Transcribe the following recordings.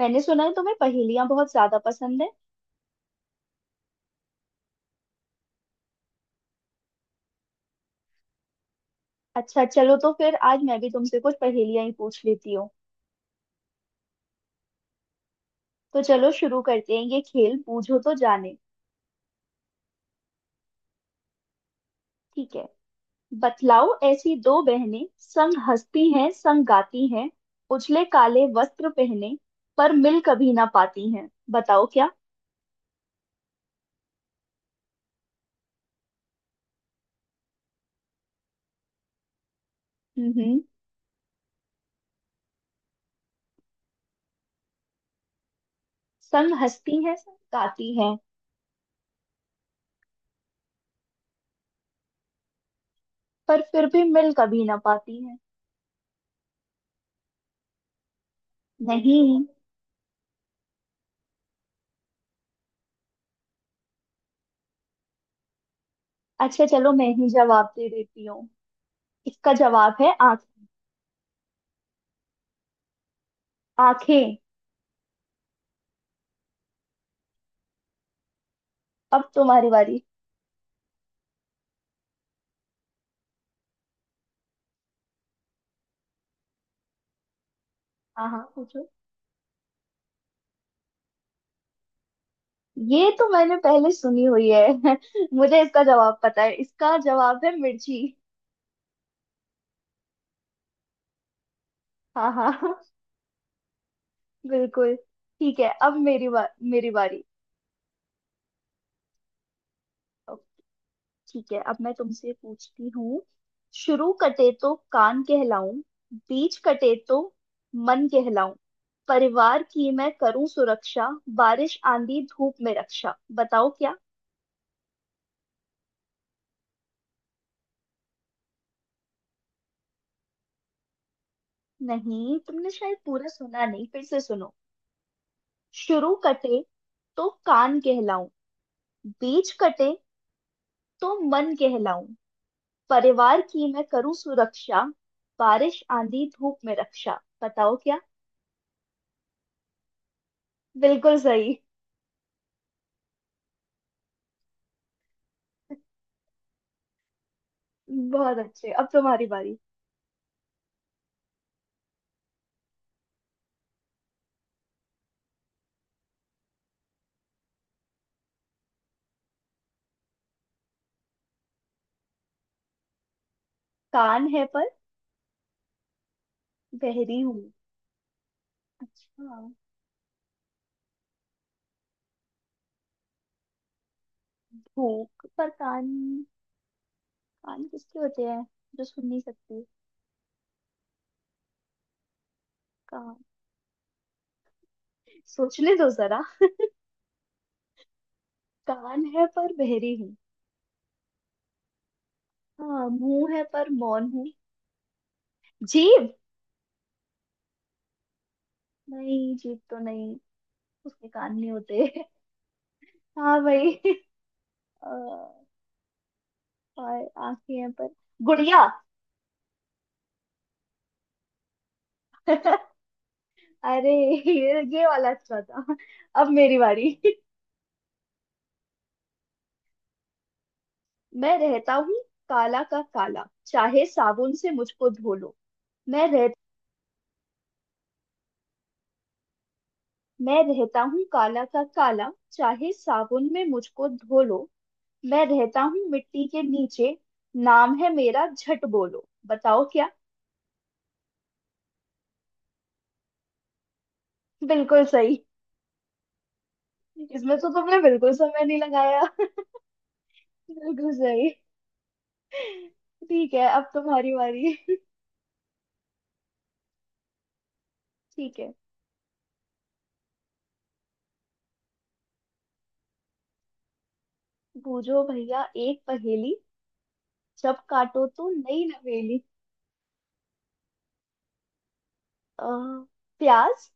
मैंने सुना है तुम्हें पहेलियां बहुत ज्यादा पसंद है। अच्छा चलो, तो फिर आज मैं भी तुमसे कुछ पहेलियां ही पूछ लेती हूँ। तो चलो शुरू करते हैं ये खेल, बूझो तो जाने। ठीक है, बतलाओ, ऐसी दो बहनें संग हंसती हैं, संग गाती हैं, उजले काले वस्त्र पहने, पर मिल कभी ना पाती हैं, बताओ क्या। हम्म संग हंसती हैं, संग गाती हैं, पर फिर भी मिल कभी ना पाती हैं। नहीं। अच्छा चलो, मैं ही जवाब दे देती हूँ। इसका जवाब है आंख, आंखें। अब तुम्हारी बारी। हाँ हाँ, पूछो। ये तो मैंने पहले सुनी हुई है। मुझे इसका जवाब पता है, इसका जवाब है मिर्ची। हाँ हाँ। बिल्कुल। ठीक है, अब मेरी बारी। अब ठीक है, अब मैं तुमसे पूछती हूँ। शुरू कटे तो कान कहलाऊं, बीच कटे तो मन कहलाऊं, परिवार की मैं करूं सुरक्षा, बारिश आंधी धूप में रक्षा, बताओ क्या। नहीं, तुमने शायद पूरा सुना नहीं, फिर से सुनो। शुरू कटे तो कान कहलाऊं, बीच कटे तो मन कहलाऊं, परिवार की मैं करूं सुरक्षा, बारिश आंधी धूप में रक्षा, बताओ क्या। बिल्कुल सही। बहुत अच्छे, अब तुम्हारी बारी। कान है पर बहरी हूँ। अच्छा, भूख पर कान, कान किसके होते हैं, जो सुन नहीं सकती। कान, सोचने दो जरा। कान है पर बहरी हूँ, हाँ, मुंह है पर मौन हूँ, जीभ। नहीं, जीभ तो नहीं, उसके कान नहीं होते। हाँ भाई। अ, और आंखें हैं पर, गुड़िया। अरे, ये वाला अच्छा था। अब मेरी बारी। मैं रहता हूँ काला का काला, चाहे साबुन से मुझको धो लो। मैं रह मैं रहता हूँ काला का काला, चाहे साबुन में मुझको धो लो। मैं रहता हूँ मिट्टी के नीचे, नाम है मेरा झट बोलो, बताओ क्या। बिल्कुल सही। इसमें तो तुमने बिल्कुल समय नहीं लगाया। बिल्कुल सही। ठीक है, अब तुम्हारी बारी। ठीक है। बूझो भैया एक पहेली, जब काटो तो नई नवेली। अ, प्याज।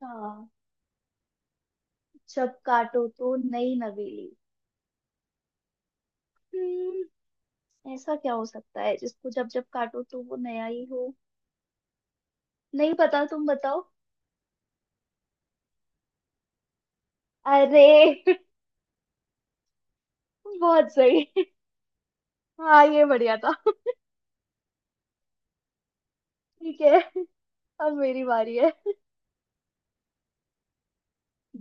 हाँ, जब काटो तो नई नवेली। हम्म, ऐसा क्या हो सकता है जिसको जब जब काटो तो वो नया ही हो। नहीं पता, तुम बताओ। अरे। बहुत सही। हाँ, ये बढ़िया था। ठीक है, अब मेरी बारी है।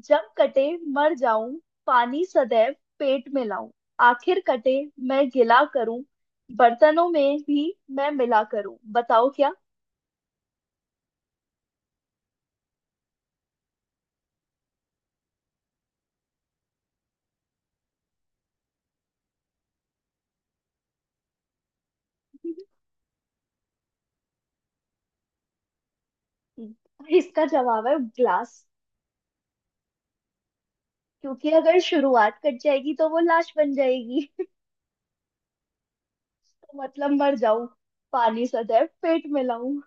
जब कटे मर जाऊं, पानी सदैव पेट में लाऊं, आखिर कटे मैं गिला करूं, बर्तनों में भी मैं मिला करूं, बताओ क्या। इसका जवाब है ग्लास, क्योंकि अगर शुरुआत कट जाएगी तो वो लाश बन जाएगी। तो मतलब मर जाऊं, पानी सदैव पेट में लाऊं।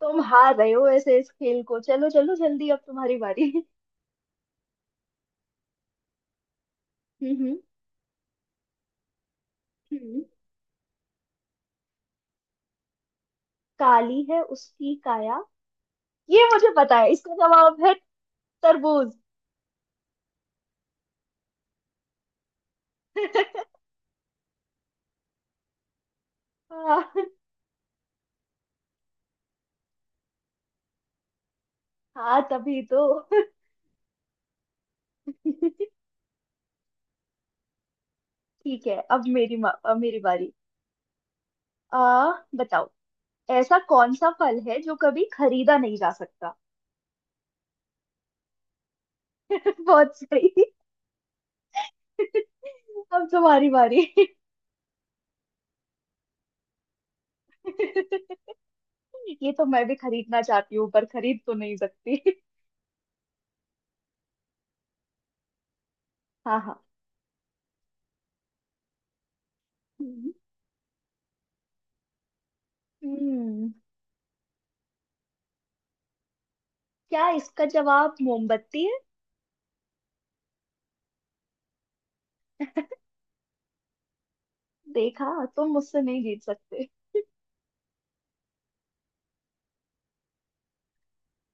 तुम हार रहे हो ऐसे इस खेल को, चलो चलो जल्दी, अब तुम्हारी बारी। हम्म। हम्म। काली है उसकी काया, ये मुझे पता है, इसका जवाब है तरबूज। हाँ हाँ, तभी तो। ठीक है, अब अब मेरी बारी। आ, बताओ, ऐसा कौन सा फल है जो कभी खरीदा नहीं जा सकता। बहुत सही। अब तुम्हारी बारी। ये तो मैं भी खरीदना चाहती हूँ पर खरीद तो नहीं सकती। हाँ हाँ। हम्म हम्म, क्या इसका जवाब मोमबत्ती है। देखा, तुम मुझसे नहीं जीत सकते।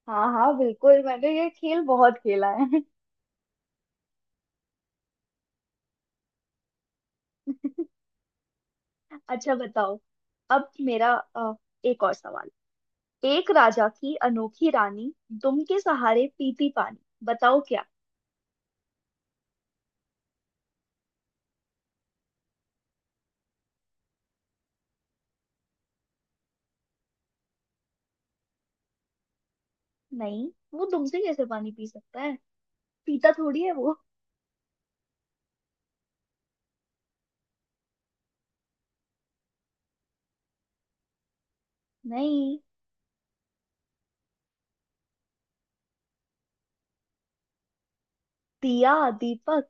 हाँ हाँ बिल्कुल, मैंने ये खेल बहुत खेला है। अच्छा बताओ, अब मेरा, एक और सवाल। एक राजा की अनोखी रानी, दुम के सहारे पीती पानी, बताओ क्या। नहीं, वो दुम से कैसे पानी पी सकता है, पीता थोड़ी है वो। नहीं, दिया, दीपक।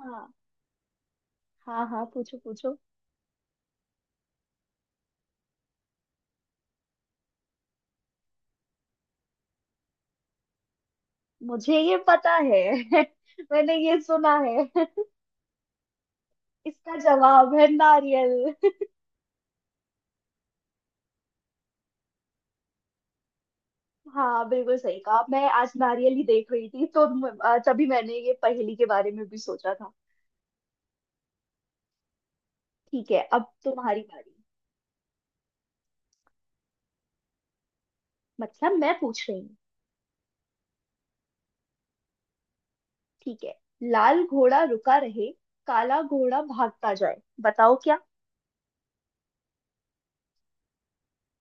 हाँ हाँ, हाँ पूछो पूछो। मुझे ये पता है। मैंने ये सुना है। इसका जवाब है नारियल। हाँ बिल्कुल सही कहा, मैं आज नारियल ही देख रही थी, तो तभी मैंने ये पहेली के बारे में भी सोचा था। ठीक है, अब तुम्हारी बारी। मतलब मैं पूछ रही हूँ। ठीक है, लाल घोड़ा रुका रहे, काला घोड़ा भागता जाए, बताओ क्या।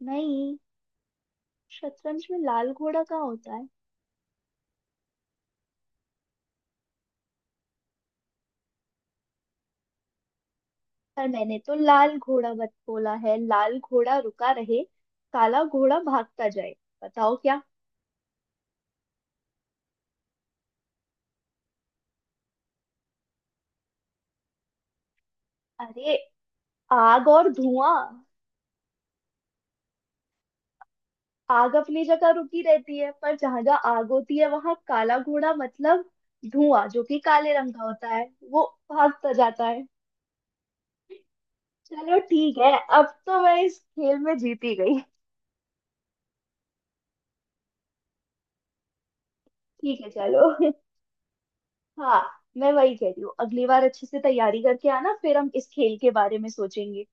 नहीं, शतरंज में लाल घोड़ा कहाँ होता है। पर मैंने तो लाल घोड़ा बत बोला है, लाल घोड़ा रुका रहे, काला घोड़ा भागता जाए, बताओ क्या। अरे, आग और धुआं। आग अपनी जगह रुकी रहती है, पर जहां जहां आग होती है वहां काला घोड़ा, मतलब धुआं, जो कि काले रंग का होता है, वो भागता जाता है। चलो ठीक है, अब तो मैं इस खेल में जीत ही गई। ठीक है चलो। हाँ, मैं वही कह रही हूँ, अगली बार अच्छे से तैयारी करके आना, फिर हम इस खेल के बारे में सोचेंगे।